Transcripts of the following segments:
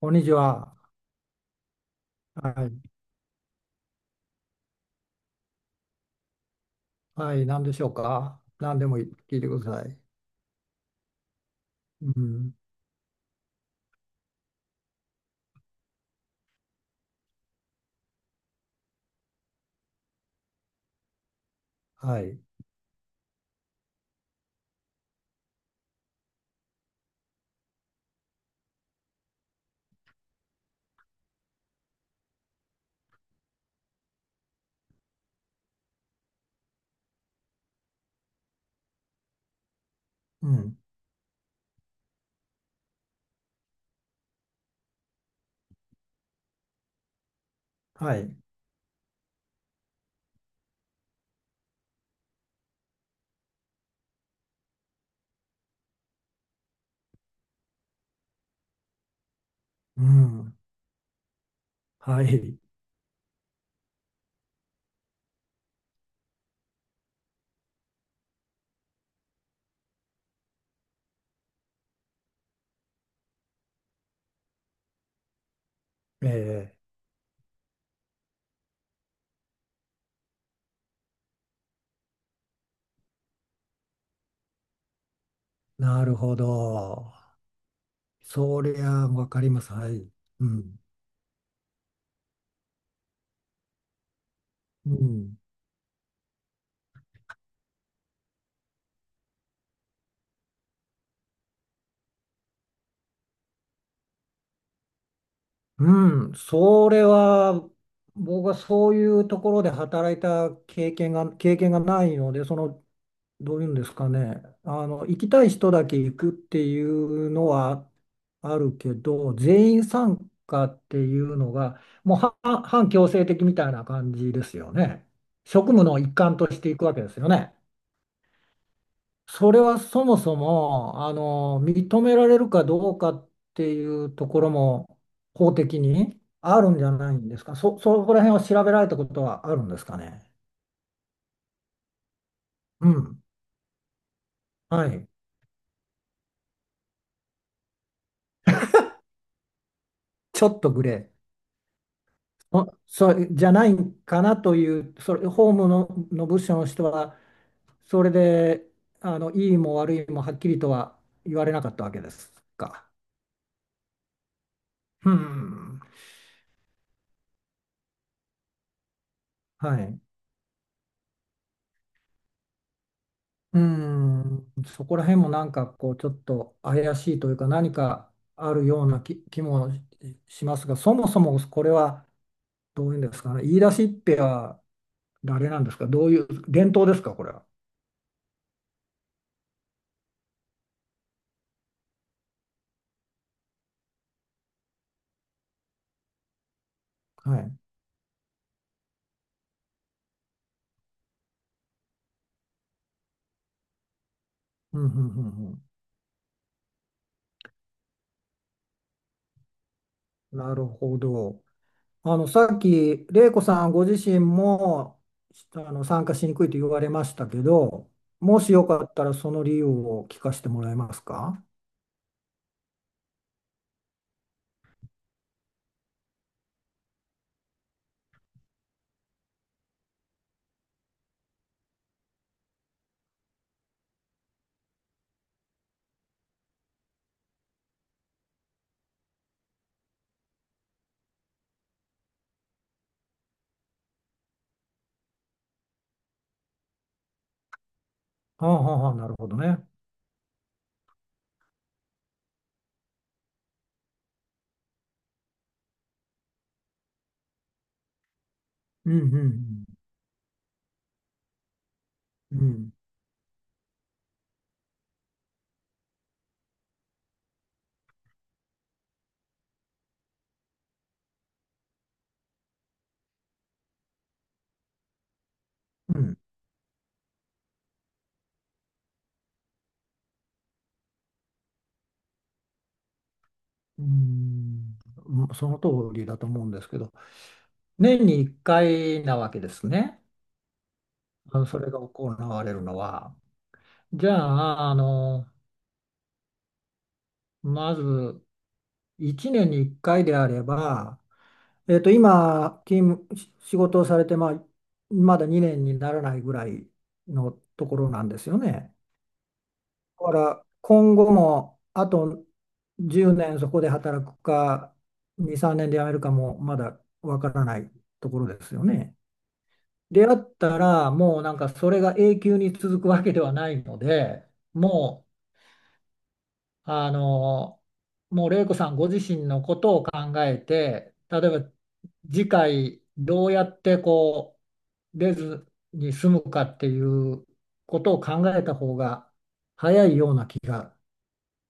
こんにちは。はい。はい。何でしょうか。何でも聞いてください。うん。はい。うん。はい。うん。はい。ええ。なるほど。そりゃわかります。はい。うん。うん。うん。それは、僕はそういうところで働いた経験がないので、どういうんですかね、行きたい人だけ行くっていうのはあるけど、全員参加っていうのが、もうは半強制的みたいな感じですよね。職務の一環としていくわけですよね。それはそもそも、認められるかどうかっていうところも法的にあるんじゃないんですか。そこら辺を調べられたことはあるんですかね。うん。はい。ちょっとグレー。あ、そう、じゃないかなという、それ、法務の部署の人は、それで、いいも悪いもはっきりとは言われなかったわけですか。うん。はい。うん。そこら辺もなんか、こう、ちょっと怪しいというか、何かあるような気もしますが、そもそもこれは、どういうんですかね。言い出しっぺは誰なんですか。どういう、伝統ですか、これは。はい。うん、うん、うん、うん。なるほど。さっき、玲子さんご自身も、参加しにくいと言われましたけど、もしよかったらその理由を聞かせてもらえますか？はあはあはあ、なるほどね。うんうんうん。うん。うん。うん、その通りだと思うんですけど、年に1回なわけですね。それが行われるのは。じゃあ、まず1年に1回であれば、今、勤務、し仕事をされて、まあ、まだ2年にならないぐらいのところなんですよね。だから、今後も、あと10年そこで働くか、2、3年で辞めるかも、まだわからないところですよね。であったら、もうなんか、それが永久に続くわけではないので、もう、あの、もう玲子さんご自身のことを考えて、例えば次回どうやってこう、出ずに済むかっていうことを考えた方が早いような気が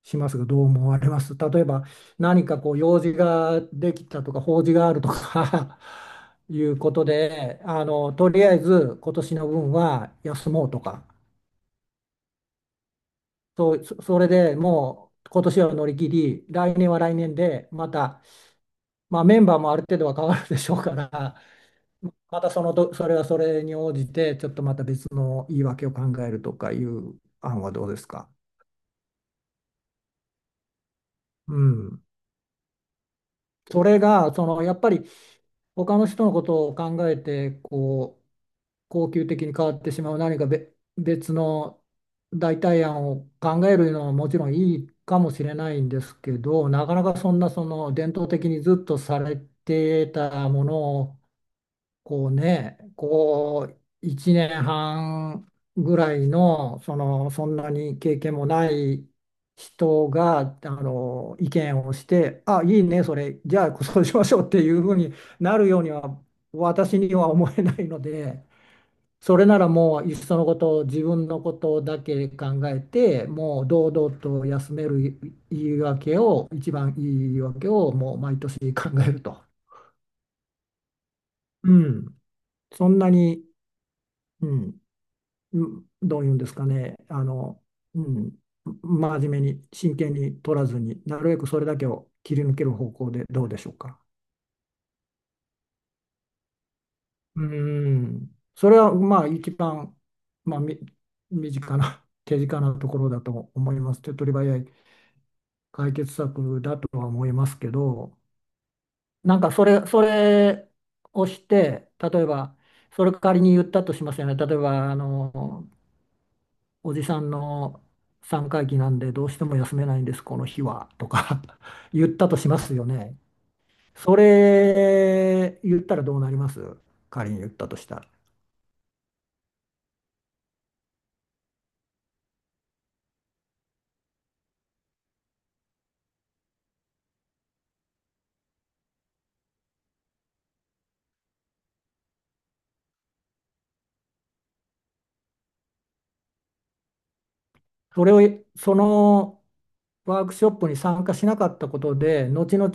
しますが、どう思われます？例えば何かこう用事ができたとか法事があるとか いうことで、とりあえず今年の分は休もうとか。そう、それでもう今年は乗り切り、来年は来年で、また、まあ、メンバーもある程度は変わるでしょうから、またそのと、それはそれに応じて、ちょっとまた別の言い訳を考えるとかいう案はどうですか。うん。それが、やっぱり他の人のことを考えてこう恒久的に変わってしまう何か別の代替案を考えるのはもちろんいいかもしれないんですけど、なかなかそんな伝統的にずっとされてたものをこうね、こう1年半ぐらいの、そんなに経験もない人が、意見をして、あ、いいね、それ、じゃあそ うしましょうっていうふうになるようには、私には思えないので、それならもう、いっそのこと、自分のことだけ考えて、もう堂々と休める言い訳を、一番いい言い訳を、もう毎年考えると。うん、そんなに。うん、うん。どういうんですかね、うん、真面目に、真剣に取らずに、なるべくそれだけを切り抜ける方向でどうでしょうか。うん。それはまあ一番、まあ、身近な、手近なところだと思います。手っ取り早い解決策だとは思いますけど、なんかそれをして、例えば、それ仮に言ったとしますよね。例えば、おじさんの三回忌なんでどうしても休めないんです、この日は、とか 言ったとしますよね。それ言ったらどうなります？仮に言ったとしたら。それを、そのワークショップに参加しなかったことで、後々、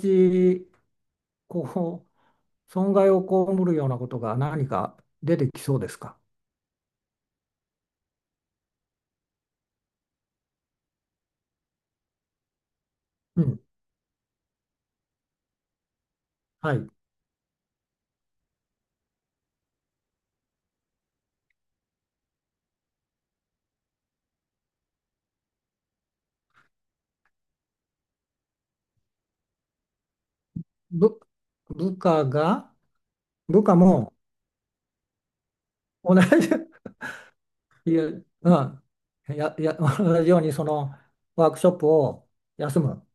こう、損害を被るようなことが何か出てきそうですか？うん。はい。部、部下が、部下も同じいや、うん。同じようにそのワークショップを休む。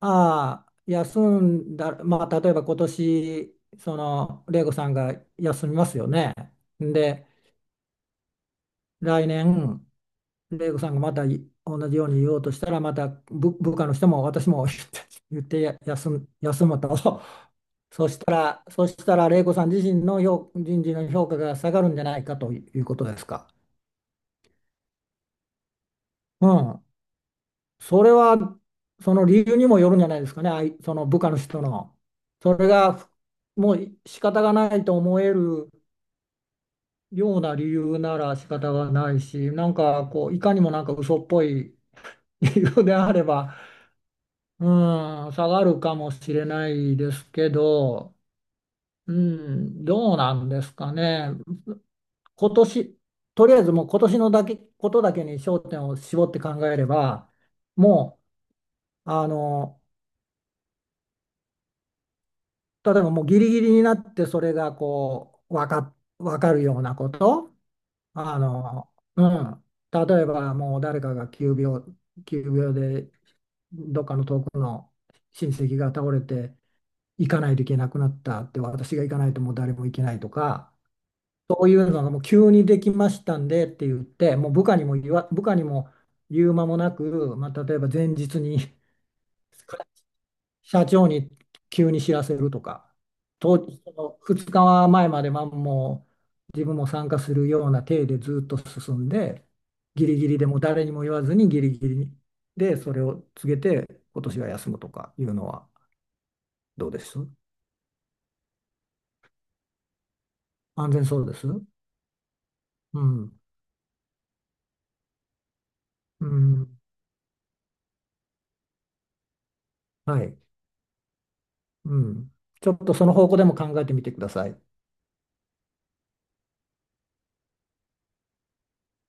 ああ、休んだ、まあ、例えば今年、その、玲子さんが休みますよね。で、来年、玲子さんがまた同じように言おうとしたら、また部下の人も私も 言って休む、休むと。そしたら、玲子さん自身の人事の評価が下がるんじゃないかということですか。うん。それは、その理由にもよるんじゃないですかね、その部下の人の。それが、もう仕方がないと思えるような理由なら仕方がないし、なんかこう、いかにもなんか嘘っぽい 理由であれば、うん、下がるかもしれないですけど、うん、どうなんですかね。今年、とりあえずもう今年のだけ、ことだけに焦点を絞って考えれば、もう、例えばもうギリギリになってそれがこう、わかるようなこと。あの、うん。例えばもう誰かが急病でどっかの遠くの親戚が倒れて行かないといけなくなったって、私が行かないともう誰も行けないとか、そういうのがもう急にできましたんでって言って、もう部下にも言う間もなく、まあ、例えば前日に 社長に急に知らせるとか、その2日前まではもう自分も参加するような体でずっと進んで、ギリギリでも誰にも言わずにギリギリでそれを告げて、今年は休むとかいうのはどうです？安全そうです？うん、うん、はい、うん。ちょっとその方向でも考えてみてください。